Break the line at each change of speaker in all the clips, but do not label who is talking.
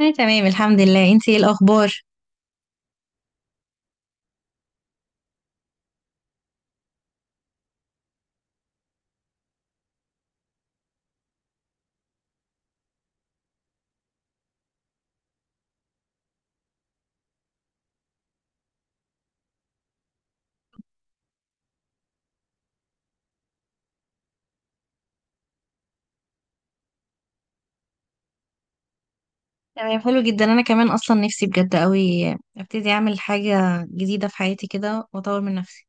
انا تمام، الحمد لله. انتي ايه الاخبار؟ تمام، حلو جدا. انا كمان اصلا نفسي بجد قوي ابتدي اعمل حاجه جديده في حياتي كده واطور من نفسي.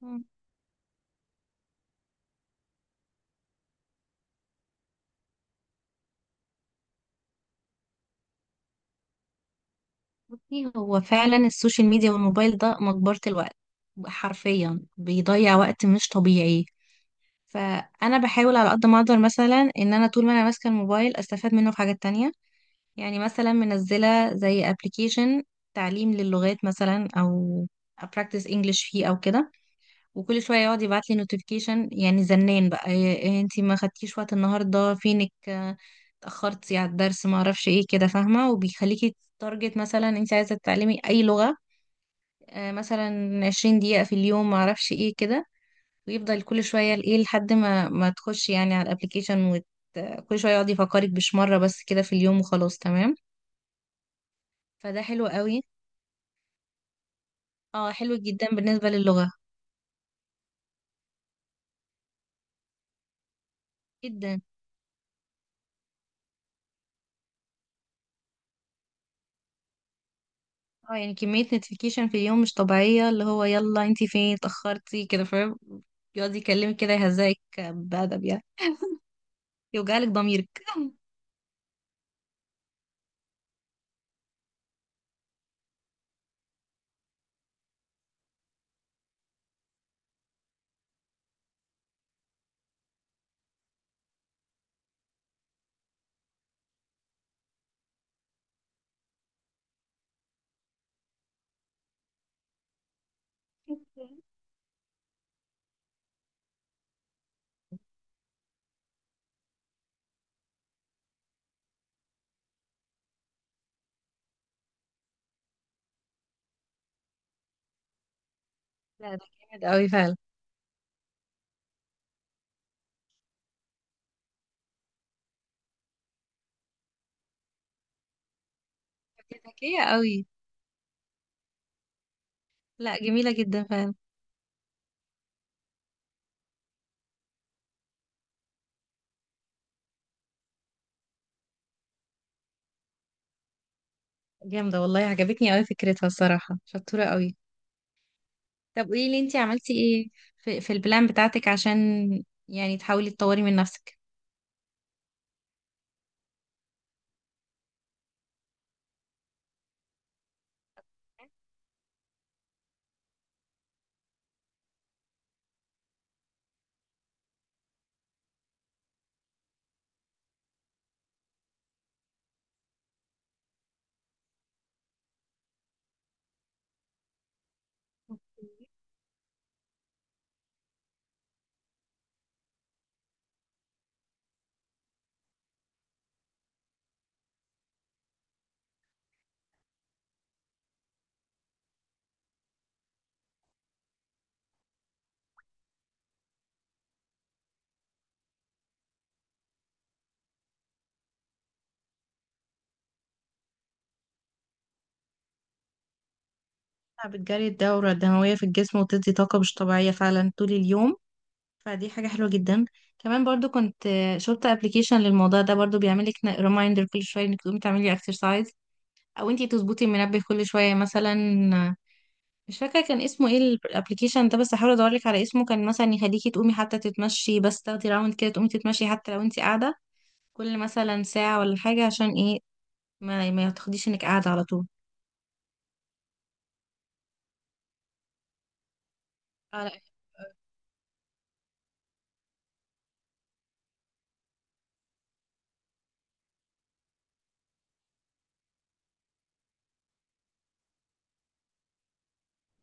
مم. بصي، هو فعلا السوشيال ميديا والموبايل ده مقبره الوقت. حرفيا بيضيع وقت مش طبيعي. فانا بحاول على قد ما اقدر مثلا ان انا طول ما انا ماسكه الموبايل استفاد منه في حاجات تانية. يعني مثلا منزله زي ابلكيشن تعليم للغات مثلا، او practice English فيه او كده. وكل شويه يقعد يبعت لي نوتيفيكيشن، يعني زنان بقى: إيه إيه، انتي ما خدتيش وقت النهارده، فينك؟ اتاخرتي على الدرس، ما اعرفش ايه كده، فاهمه؟ وبيخليكي تارجت مثلا انتي عايزه تتعلمي اي لغه. مثلا 20 دقيقه في اليوم، ما اعرفش ايه كده. ويفضل كل شويه ايه لحد ما تخشي يعني على الابلكيشن، كل شويه يقعد يفكرك، مش مره بس كده في اليوم، وخلاص تمام. فده حلو قوي. اه، حلو جدا بالنسبه للغه. جدا. اه، يعني كمية نوتيفيكيشن في اليوم مش طبيعية، اللي هو يلا انتي فين، اتأخرتي كده، فاهم؟ يقعد يكلمك كده، يهزئك بأدب يعني، يوجعلك ضميرك. لا، ده جامد قوي فعلا. دي ذكية قوي. لا، جميلة جدا فعلا. جامدة والله، عجبتني قوي فكرتها الصراحة، شطورة قوي. طب قولي لي، انتي عملتي ايه في البلان بتاعتك عشان يعني تحاولي تطوري من نفسك؟ بتجري الدورة الدموية في الجسم وتدي طاقة مش طبيعية فعلا طول اليوم. فدي حاجة حلوة جدا. كمان برضو كنت شفت ابلكيشن للموضوع ده برضو، بيعملك ريمايندر كل شوية انك تقومي تعملي اكسرسايز، او انتي تظبطي المنبه كل شوية مثلا. آه، مش فاكرة كان اسمه ايه الابلكيشن ده، بس هحاول ادورلك على اسمه. كان مثلا يخليكي تقومي حتى تتمشي، بس تاخدي راوند كده، تقومي تتمشي حتى لو انتي قاعدة كل مثلا ساعة ولا حاجة، عشان ايه ما تاخديش انك قاعدة على طول. اه، لا.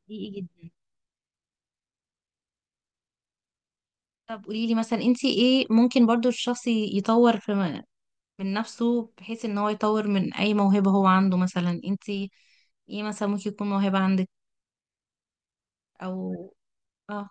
حقيقي جدا. طب قولي لي مثلا، انت ايه ممكن برضو الشخص يطور في من نفسه، بحيث ان هو يطور من اي موهبة هو عنده؟ مثلا انتي ايه مثلا ممكن يكون موهبة عندك؟ او اه.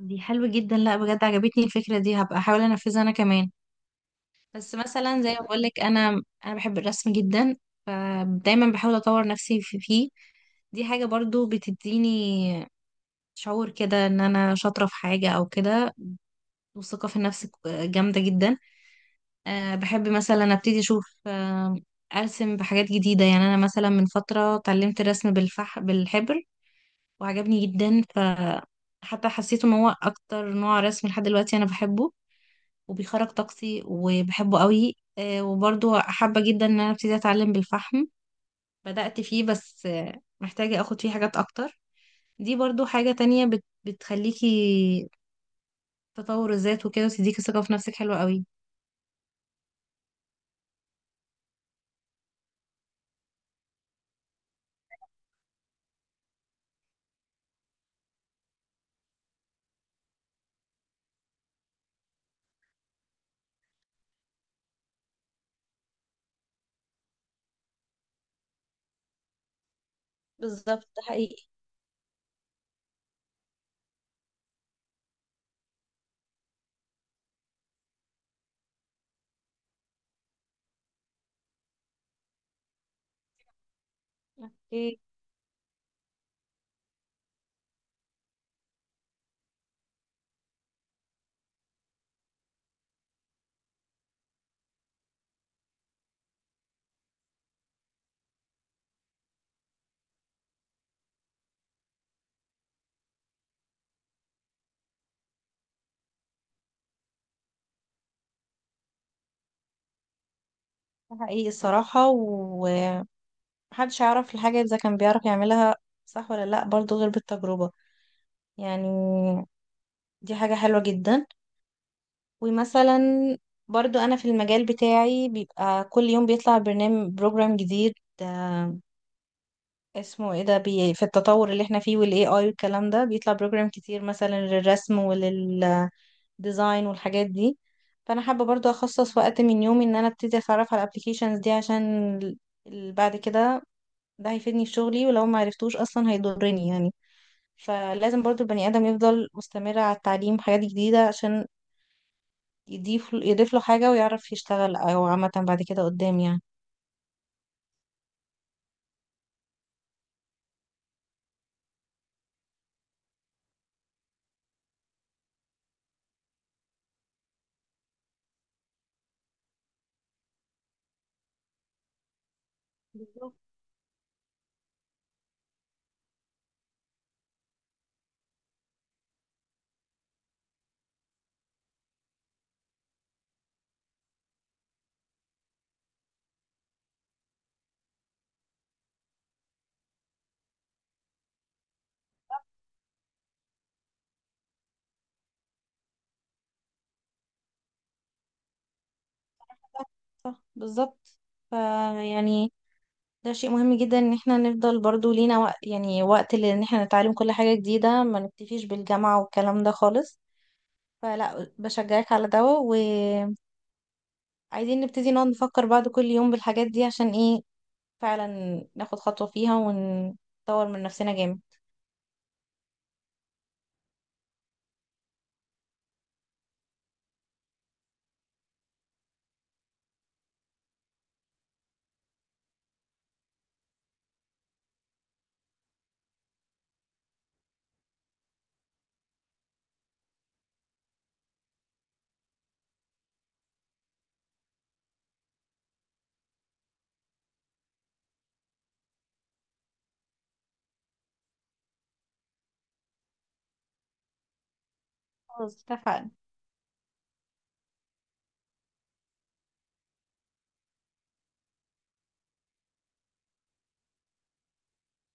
دي حلوة جدا، لا بجد عجبتني الفكرة دي، هبقى احاول انفذها انا كمان. بس مثلا زي ما بقولك، انا بحب الرسم جدا. فدايما بحاول اطور نفسي فيه. دي حاجة برضو بتديني شعور كده ان انا شاطرة في حاجة او كده، والثقة في النفس جامدة جدا. بحب مثلا ابتدي اشوف، ارسم بحاجات جديده. يعني انا مثلا من فتره اتعلمت الرسم بالحبر، وعجبني جدا. حتى حسيت ان هو اكتر نوع رسم لحد دلوقتي انا بحبه، وبيخرج طاقتي، وبحبه قوي. وبرضو حابه جدا ان انا ابتدي اتعلم بالفحم. بدأت فيه، بس محتاجه اخد فيه حاجات اكتر. دي برضو حاجه تانية بتخليكي تطور الذات وكده، وتديكي ثقه في نفسك. حلوه قوي. بالظبط، ده حقيقي. اوكي، ده حقيقي الصراحة. ومحدش يعرف الحاجة إذا كان بيعرف يعملها صح ولا لأ برضو، غير بالتجربة يعني. دي حاجة حلوة جدا. ومثلا برضو، أنا في المجال بتاعي بيبقى كل يوم بيطلع برنامج بروجرام جديد. آه، اسمه ايه ده، بي في التطور اللي احنا فيه والاي اي والكلام ده بيطلع بروجرام كتير، مثلا للرسم وللديزاين والحاجات دي. فانا حابه برضو اخصص وقت من يومي ان انا ابتدي اتعرف على الابلكيشنز دي، عشان بعد كده ده هيفيدني في شغلي، ولو ما عرفتوش اصلا هيضرني يعني. فلازم برضو البني ادم يفضل مستمر على التعليم حاجات جديدة، عشان يضيف له حاجة ويعرف يشتغل او عامة بعد كده قدام يعني. بالظبط. صح، بالظبط. فيعني ده شيء مهم جدا ان احنا نفضل برضو لينا وقت، يعني وقت ان احنا نتعلم كل حاجة جديدة، ما نكتفيش بالجامعة والكلام ده خالص. فلا بشجعك على ده، وعايزين نبتدي نقعد نفكر بعض كل يوم بالحاجات دي، عشان ايه فعلا ناخد خطوة فيها ونطور من نفسنا جامد. خلاص اتفقنا.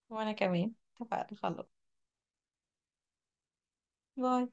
وأنا كمان. اتفقنا خلاص. باي.